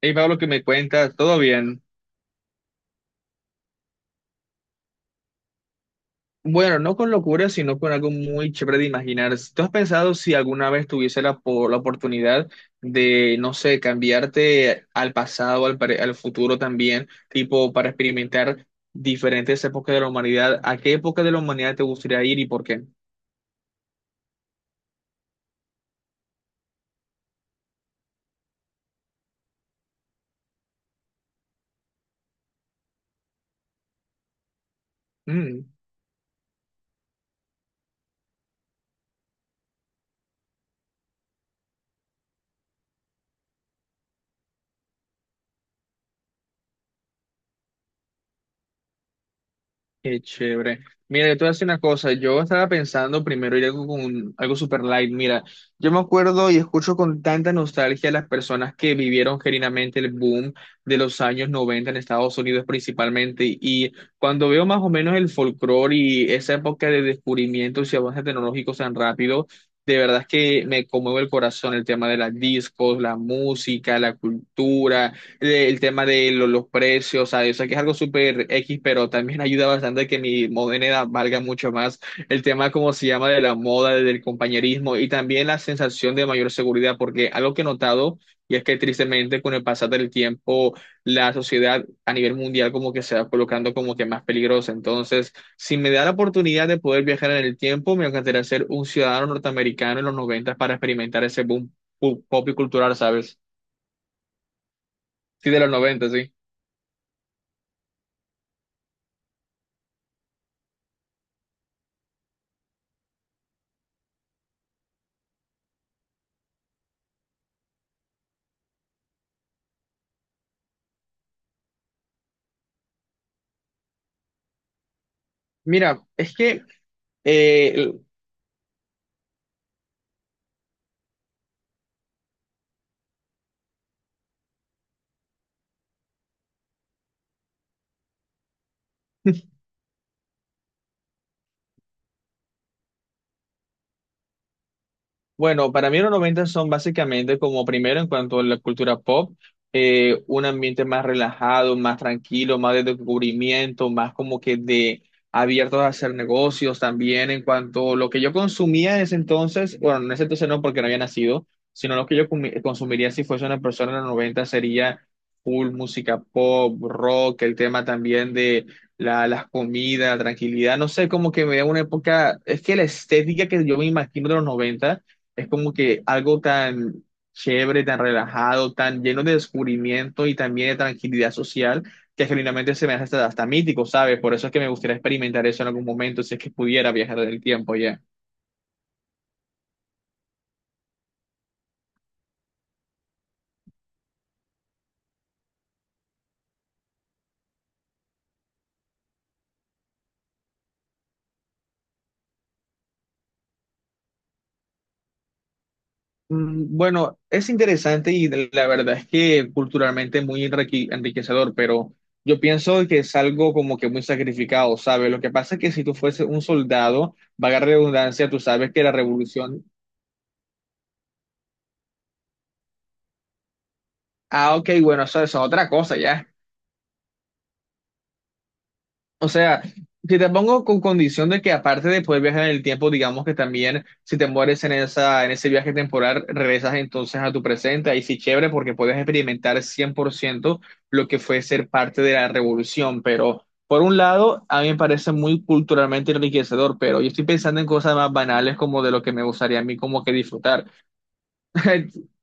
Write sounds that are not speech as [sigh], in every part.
Hey Pablo, ¿que me cuentas? ¿Todo bien? Bueno, no con locura, sino con algo muy chévere de imaginar. ¿Tú has pensado si alguna vez tuviese la oportunidad de, no sé, cambiarte al pasado, al futuro también, tipo para experimentar diferentes épocas de la humanidad? ¿A qué época de la humanidad te gustaría ir y por qué? Mm. Qué chévere. Mira, yo te voy a decir una cosa. Yo estaba pensando primero ir algo con algo super light. Mira, yo me acuerdo y escucho con tanta nostalgia a las personas que vivieron genuinamente el boom de los años 90 en Estados Unidos principalmente. Y cuando veo más o menos el folclore y esa época de descubrimientos y avances tecnológicos tan rápido, de verdad es que me conmueve el corazón el tema de las discos, la música, la cultura, el tema de los precios, ¿sabes? O sea, yo sé que es algo súper X, pero también ayuda bastante a que mi moneda valga mucho más. El tema, como se llama, de la moda, del compañerismo y también la sensación de mayor seguridad, porque algo que he notado, y es que tristemente con el pasar del tiempo, la sociedad a nivel mundial como que se va colocando como que más peligrosa. Entonces, si me da la oportunidad de poder viajar en el tiempo, me encantaría ser un ciudadano norteamericano en los 90 para experimentar ese boom pop y cultural, ¿sabes? Sí, de los 90, sí. Mira, es que eh, bueno, para mí los 90 son básicamente como primero en cuanto a la cultura pop. Un ambiente más relajado, más tranquilo, más de descubrimiento, más como que de abiertos a hacer negocios también en cuanto a lo que yo consumía en ese entonces. Bueno, en ese entonces no, porque no había nacido, sino lo que yo consumiría si fuese una persona en los 90 sería full música pop, rock, el tema también de la, las comidas, la tranquilidad, no sé, como que me da una época. Es que la estética que yo me imagino de los 90 es como que algo tan chévere, tan relajado, tan lleno de descubrimiento y también de tranquilidad social, que genuinamente se me hace hasta mítico, ¿sabes? Por eso es que me gustaría experimentar eso en algún momento, si es que pudiera viajar en el tiempo ya. Mm, bueno, es interesante y la verdad es que culturalmente muy enriquecedor, pero yo pienso que es algo como que muy sacrificado, ¿sabes? Lo que pasa es que si tú fueses un soldado, vaga redundancia, tú sabes que la revolución... Ah, ok, bueno, eso es otra cosa ya. O sea, si te pongo con condición de que aparte de poder viajar en el tiempo, digamos que también si te mueres en esa, en ese viaje temporal, regresas entonces a tu presente, ahí sí chévere, porque puedes experimentar 100% lo que fue ser parte de la revolución, pero por un lado, a mí me parece muy culturalmente enriquecedor, pero yo estoy pensando en cosas más banales como de lo que me gustaría a mí como que disfrutar. [laughs]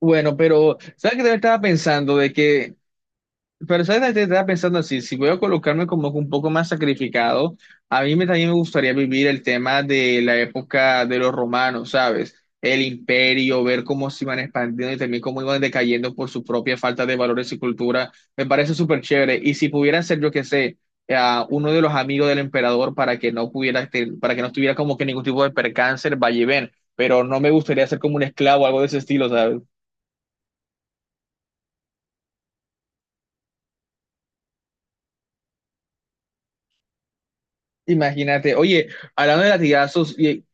Bueno, pero ¿sabes qué te estaba pensando? De que... Pero sabes, ahorita estaba pensando así, si voy a colocarme como un poco más sacrificado, a mí me, también me gustaría vivir el tema de la época de los romanos, ¿sabes? El imperio, ver cómo se iban expandiendo y también cómo iban decayendo por su propia falta de valores y cultura, me parece súper chévere. Y si pudiera ser, yo qué sé, eh, uno de los amigos del emperador para que no pudiera, para que no estuviera como que ningún tipo de percance, vaya y ven, pero no me gustaría ser como un esclavo, algo de ese estilo, ¿sabes? Imagínate, oye, hablando de latigazos.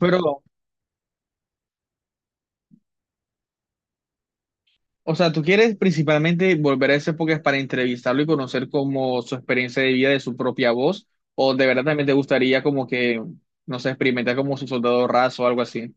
Pero, o sea, ¿tú quieres principalmente volver a esa época para entrevistarlo y conocer como su experiencia de vida de su propia voz, o de verdad también te gustaría como que, no sé, experimentar como su soldado raso o algo así?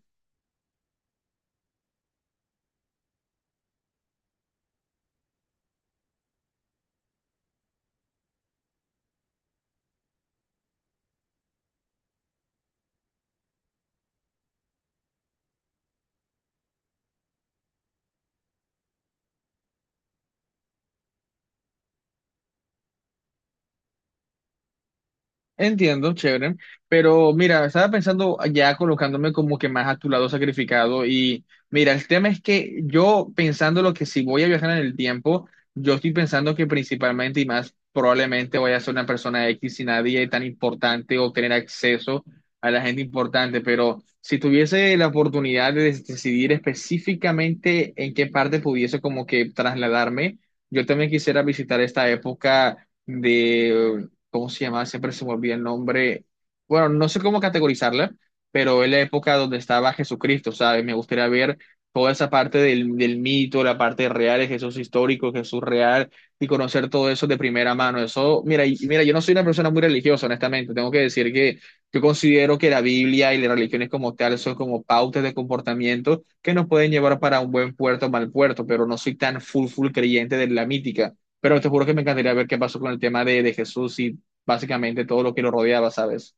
Entiendo, chévere, pero mira, estaba pensando ya colocándome como que más a tu lado sacrificado y mira, el tema es que yo pensando lo que si voy a viajar en el tiempo, yo estoy pensando que principalmente y más probablemente voy a ser una persona X y nadie tan importante o tener acceso a la gente importante, pero si tuviese la oportunidad de decidir específicamente en qué parte pudiese como que trasladarme, yo también quisiera visitar esta época de... ¿cómo se llamaba? Siempre se me olvida el nombre. Bueno, no sé cómo categorizarla, pero es la época donde estaba Jesucristo, ¿sabes? Me gustaría ver toda esa parte del mito, la parte real de Jesús histórico, Jesús real, y conocer todo eso de primera mano. Eso, mira, mira, yo no soy una persona muy religiosa, honestamente. Tengo que decir que yo considero que la Biblia y las religiones como tal son como pautas de comportamiento que nos pueden llevar para un buen puerto o mal puerto, pero no soy tan full, full creyente de la mítica. Pero te juro que me encantaría ver qué pasó con el tema de Jesús y básicamente todo lo que lo rodeaba, ¿sabes?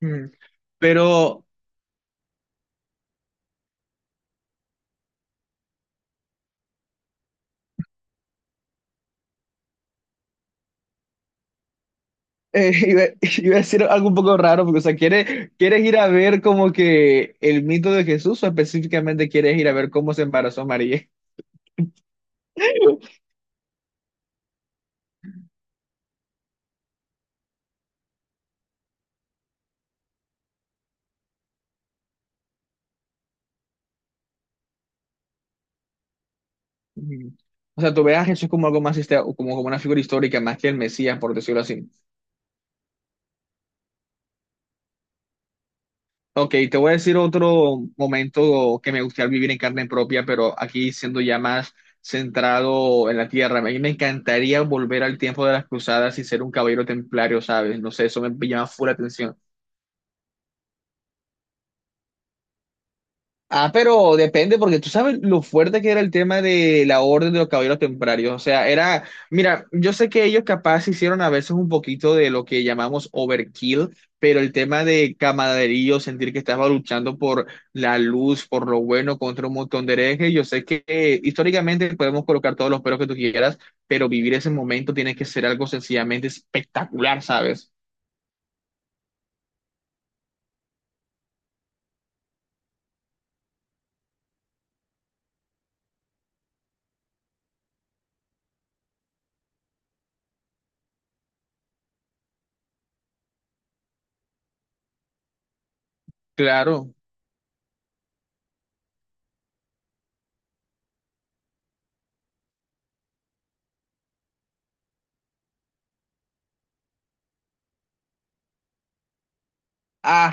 Mm. Pero eh, [laughs] iba, iba a decir algo un poco raro, porque, o sea, ¿quieres ir a ver como que el mito de Jesús o específicamente quieres ir a ver cómo se embarazó María? [laughs] Mm. O sea, ¿tú ves a Jesús como algo más, como, como una figura histórica más que el Mesías, por decirlo así? Ok, te voy a decir otro momento que me gustaría vivir en carne propia, pero aquí siendo ya más centrado en la tierra. A mí me encantaría volver al tiempo de las cruzadas y ser un caballero templario, ¿sabes? No sé, eso me llama full la atención. Ah, pero depende, porque tú sabes lo fuerte que era el tema de la orden de los caballeros templarios. O sea, era, mira, yo sé que ellos capaz hicieron a veces un poquito de lo que llamamos overkill, pero el tema de camaradería, sentir que estaba luchando por la luz, por lo bueno, contra un montón de herejes, yo sé que históricamente podemos colocar todos los peros que tú quieras, pero vivir ese momento tiene que ser algo sencillamente espectacular, ¿sabes? Claro. Ah,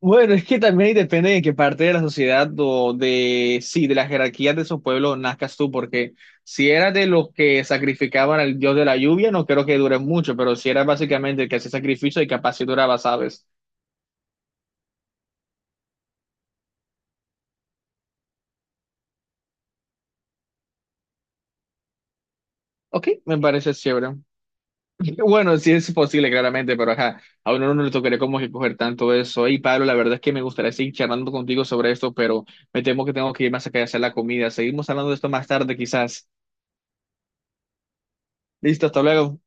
bueno, es que también depende de qué parte de la sociedad o de, sí, de las jerarquías de esos pueblos nazcas tú, porque si eras de los que sacrificaban al dios de la lluvia, no creo que dure mucho, pero si eras básicamente el que hacía sacrificio y capaz si duraba, ¿sabes? Ok, me parece chévere. [laughs] Bueno, sí es posible, claramente, pero ajá, a uno no le tocaría como que coger tanto eso. Y Pablo, la verdad es que me gustaría seguir charlando contigo sobre esto, pero me temo que tengo que irme a sacar a hacer la comida. Seguimos hablando de esto más tarde, quizás. Listo, hasta luego.